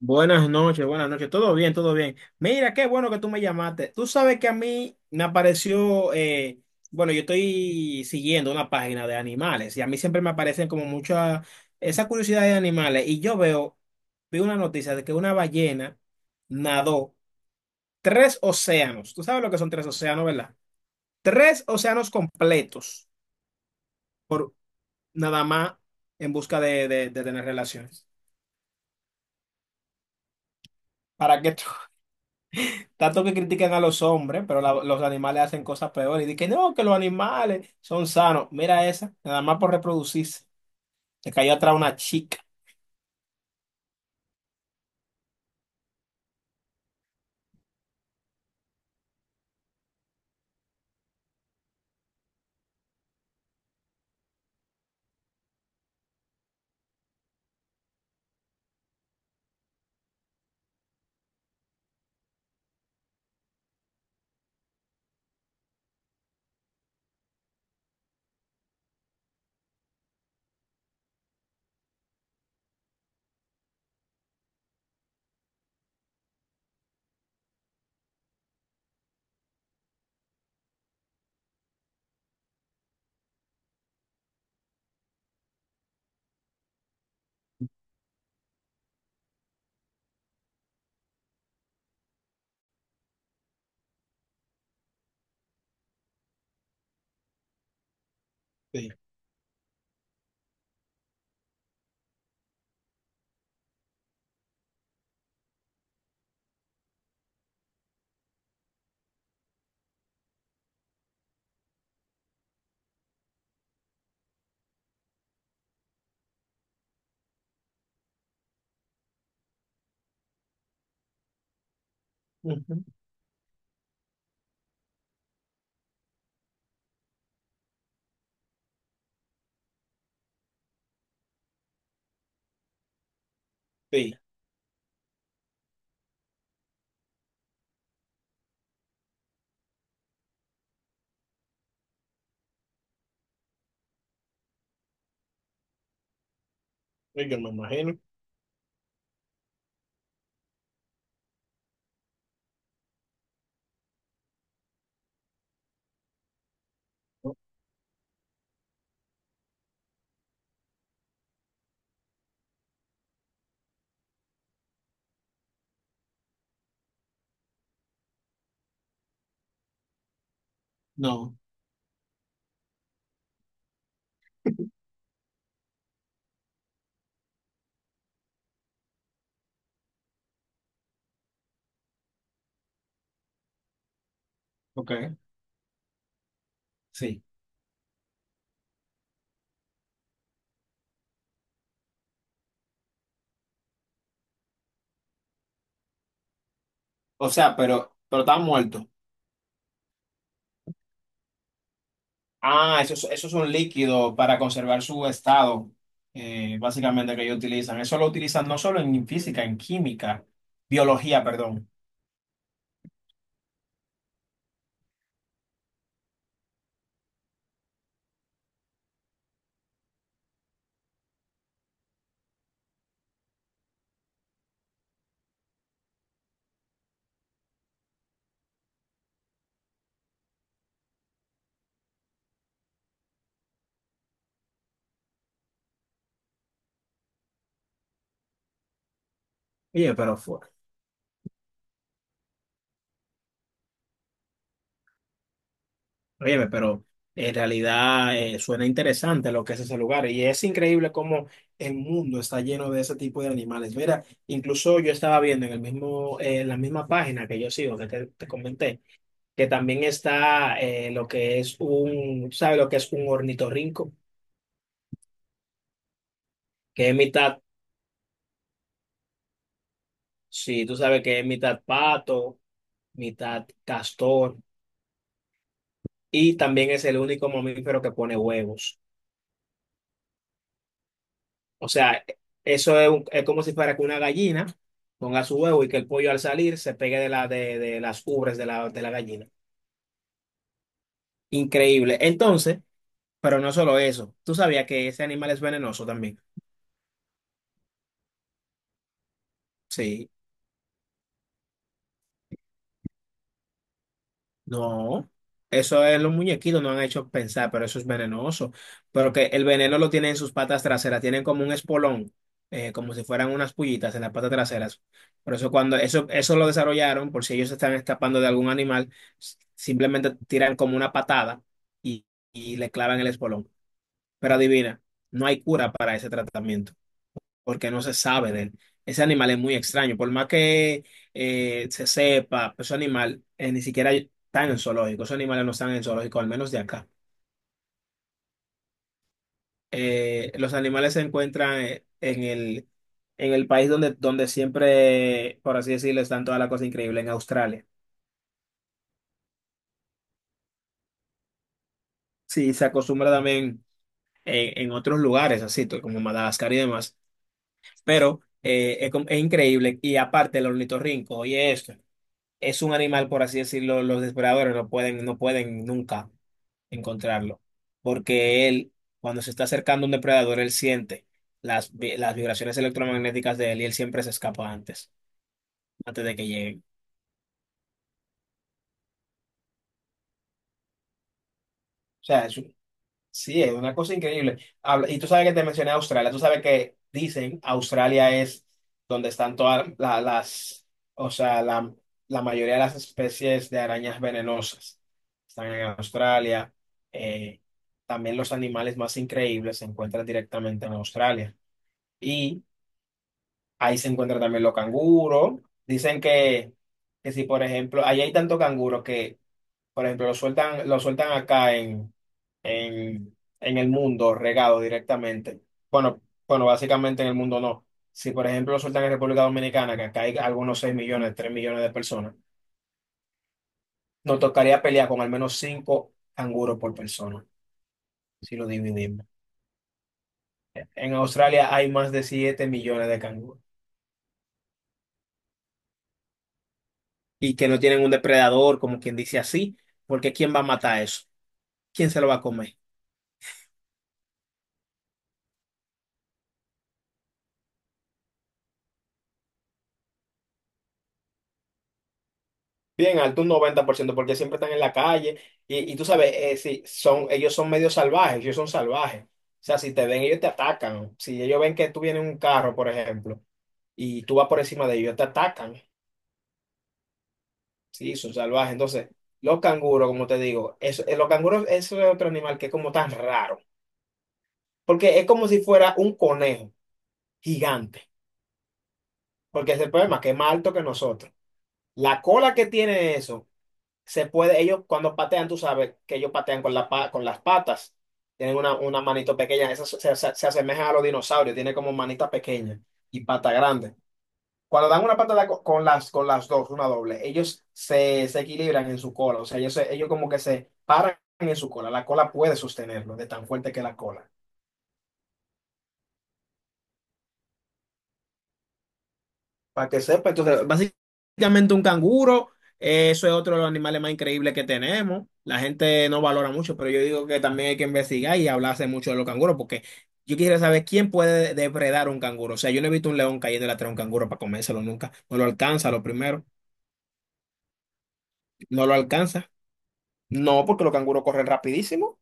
Buenas noches, buenas noches. Todo bien, todo bien. Mira, qué bueno que tú me llamaste. Tú sabes que a mí me apareció, bueno, yo estoy siguiendo una página de animales y a mí siempre me aparecen como mucha esa curiosidad de animales y vi una noticia de que una ballena nadó tres océanos. Tú sabes lo que son tres océanos, ¿verdad? Tres océanos completos por nada más en busca de tener relaciones. ¿Para qué? Tanto que critican a los hombres, pero los animales hacen cosas peores. Y dicen que no, que los animales son sanos. Mira esa, nada más por reproducirse. Le cayó atrás una chica. Sí. Ujú. Sí, es, me imagino. No, ok, sí. O sea, pero está muerto. Ah, eso, eso es un líquido para conservar su estado, básicamente, que ellos utilizan. Eso lo utilizan no solo en física, en química, biología, perdón. Oye, pero fuerte. Óyeme, pero en realidad suena interesante lo que es ese lugar y es increíble cómo el mundo está lleno de ese tipo de animales. Mira, incluso yo estaba viendo en la misma página que yo sigo, que te comenté, que también está lo que es un, ¿sabes lo que es un ornitorrinco? Que es mitad, sí, tú sabes que es mitad pato, mitad castor y también es el único mamífero que pone huevos. O sea, eso es, es como si fuera que una gallina ponga su huevo y que el pollo al salir se pegue de las ubres de la gallina. Increíble. Entonces, pero no solo eso. ¿Tú sabías que ese animal es venenoso también? Sí. No, eso es los muñequitos, no han hecho pensar, pero eso es venenoso. Pero que el veneno lo tienen en sus patas traseras, tienen como un espolón, como si fueran unas pullitas en las patas traseras. Por eso cuando eso lo desarrollaron, por si ellos se están escapando de algún animal, simplemente tiran como una patada y, y le clavan el espolón. Pero adivina, no hay cura para ese tratamiento porque no se sabe de él. Ese animal es muy extraño, por más que se sepa, ese animal ni siquiera está en el zoológico, esos animales no están en el zoológico, al menos de acá. Los animales se encuentran en el país donde siempre, por así decirlo, están todas las cosas increíbles, en Australia. Sí, se acostumbra también en otros lugares, así como Madagascar y demás, pero es increíble. Y aparte, el ornitorrinco, oye esto. Es un animal, por así decirlo, los depredadores no pueden nunca encontrarlo, porque él, cuando se está acercando a un depredador, él siente las vibraciones electromagnéticas de él y él siempre se escapa antes, antes de que lleguen. O sea, es. Sí, es una cosa increíble. Y tú sabes que te mencioné Australia, tú sabes que dicen Australia es donde están todas las, o sea, la mayoría de las especies de arañas venenosas. Están en Australia. Eh, También los animales más increíbles se encuentran directamente en Australia. Y ahí se encuentran también los canguros. Dicen que si, por ejemplo, ahí hay tanto canguro que, por ejemplo, lo sueltan acá en, en el mundo, regado directamente. Bueno, bueno, básicamente en el mundo no. Si, por ejemplo, lo sueltan en República Dominicana, que acá hay algunos 6 millones, 3 millones de personas, nos tocaría pelear con al menos 5 canguros por persona, si lo dividimos. En Australia hay más de 7 millones de canguros y que no tienen un depredador, como quien dice así, porque ¿quién va a matar eso? ¿Quién se lo va a comer? Bien alto, un 90% porque siempre están en la calle. Y tú sabes, si son, ellos son medio salvajes, ellos son salvajes. O sea, si te ven, ellos te atacan. Si ellos ven que tú vienes en un carro, por ejemplo, y tú vas por encima de ellos, te atacan. Sí, son salvajes. Entonces, los canguros, como te digo, eso, los canguros, eso es otro animal que es como tan raro. Porque es como si fuera un conejo gigante. Porque ese es el problema, que es más alto que nosotros. La cola que tiene eso se puede, ellos cuando patean, tú sabes que ellos patean con con las patas, tienen una manito pequeña, esas se asemejan a los dinosaurios, tienen como manita pequeña y pata grande. Cuando dan una patada con las dos, una doble, ellos se equilibran en su cola, o sea, ellos como que se paran en su cola, la cola puede sostenerlo de tan fuerte que la cola. Para que sepa. Entonces, básicamente un canguro, eso es otro de los animales más increíbles que tenemos. La gente no valora mucho, pero yo digo que también hay que investigar y hablarse mucho de los canguros, porque yo quisiera saber quién puede depredar un canguro. O sea, yo no he visto un león cayendo atrás de un canguro para comérselo nunca. No lo alcanza, lo primero. No lo alcanza. No, porque los canguros corren rapidísimo.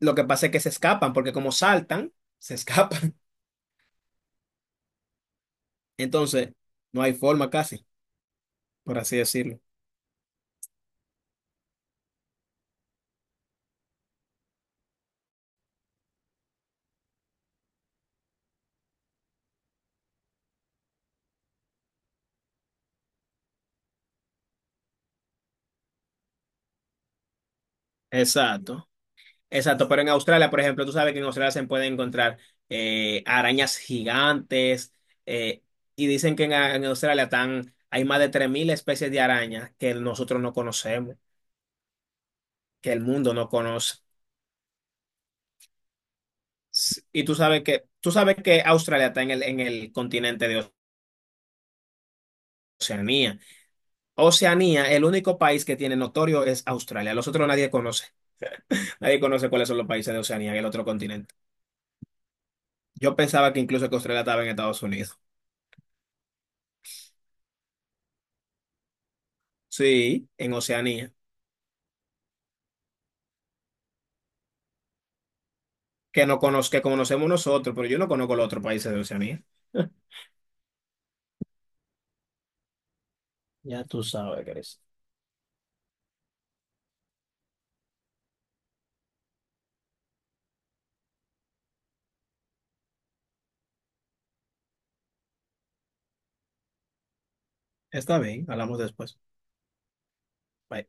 Lo que pasa es que se escapan, porque como saltan, se escapan. Entonces, no hay forma casi, por así decirlo. Exacto. Exacto, pero en Australia, por ejemplo, tú sabes que en Australia se pueden encontrar arañas gigantes eh, y dicen que en, Australia tan hay más de 3.000 especies de arañas que nosotros no conocemos, que el mundo no conoce. Y tú sabes que, Australia está en el continente de Oceanía. Oceanía, el único país que tiene notorio es Australia. Los otros nadie conoce. Nadie conoce cuáles son los países de Oceanía, el otro continente. Yo pensaba que incluso que Australia estaba en Estados Unidos. Sí, en Oceanía. Que no conoz- Que conocemos nosotros, pero yo no conozco los otros países de Oceanía. Ya tú sabes, Chris. Está bien, hablamos después. Bye.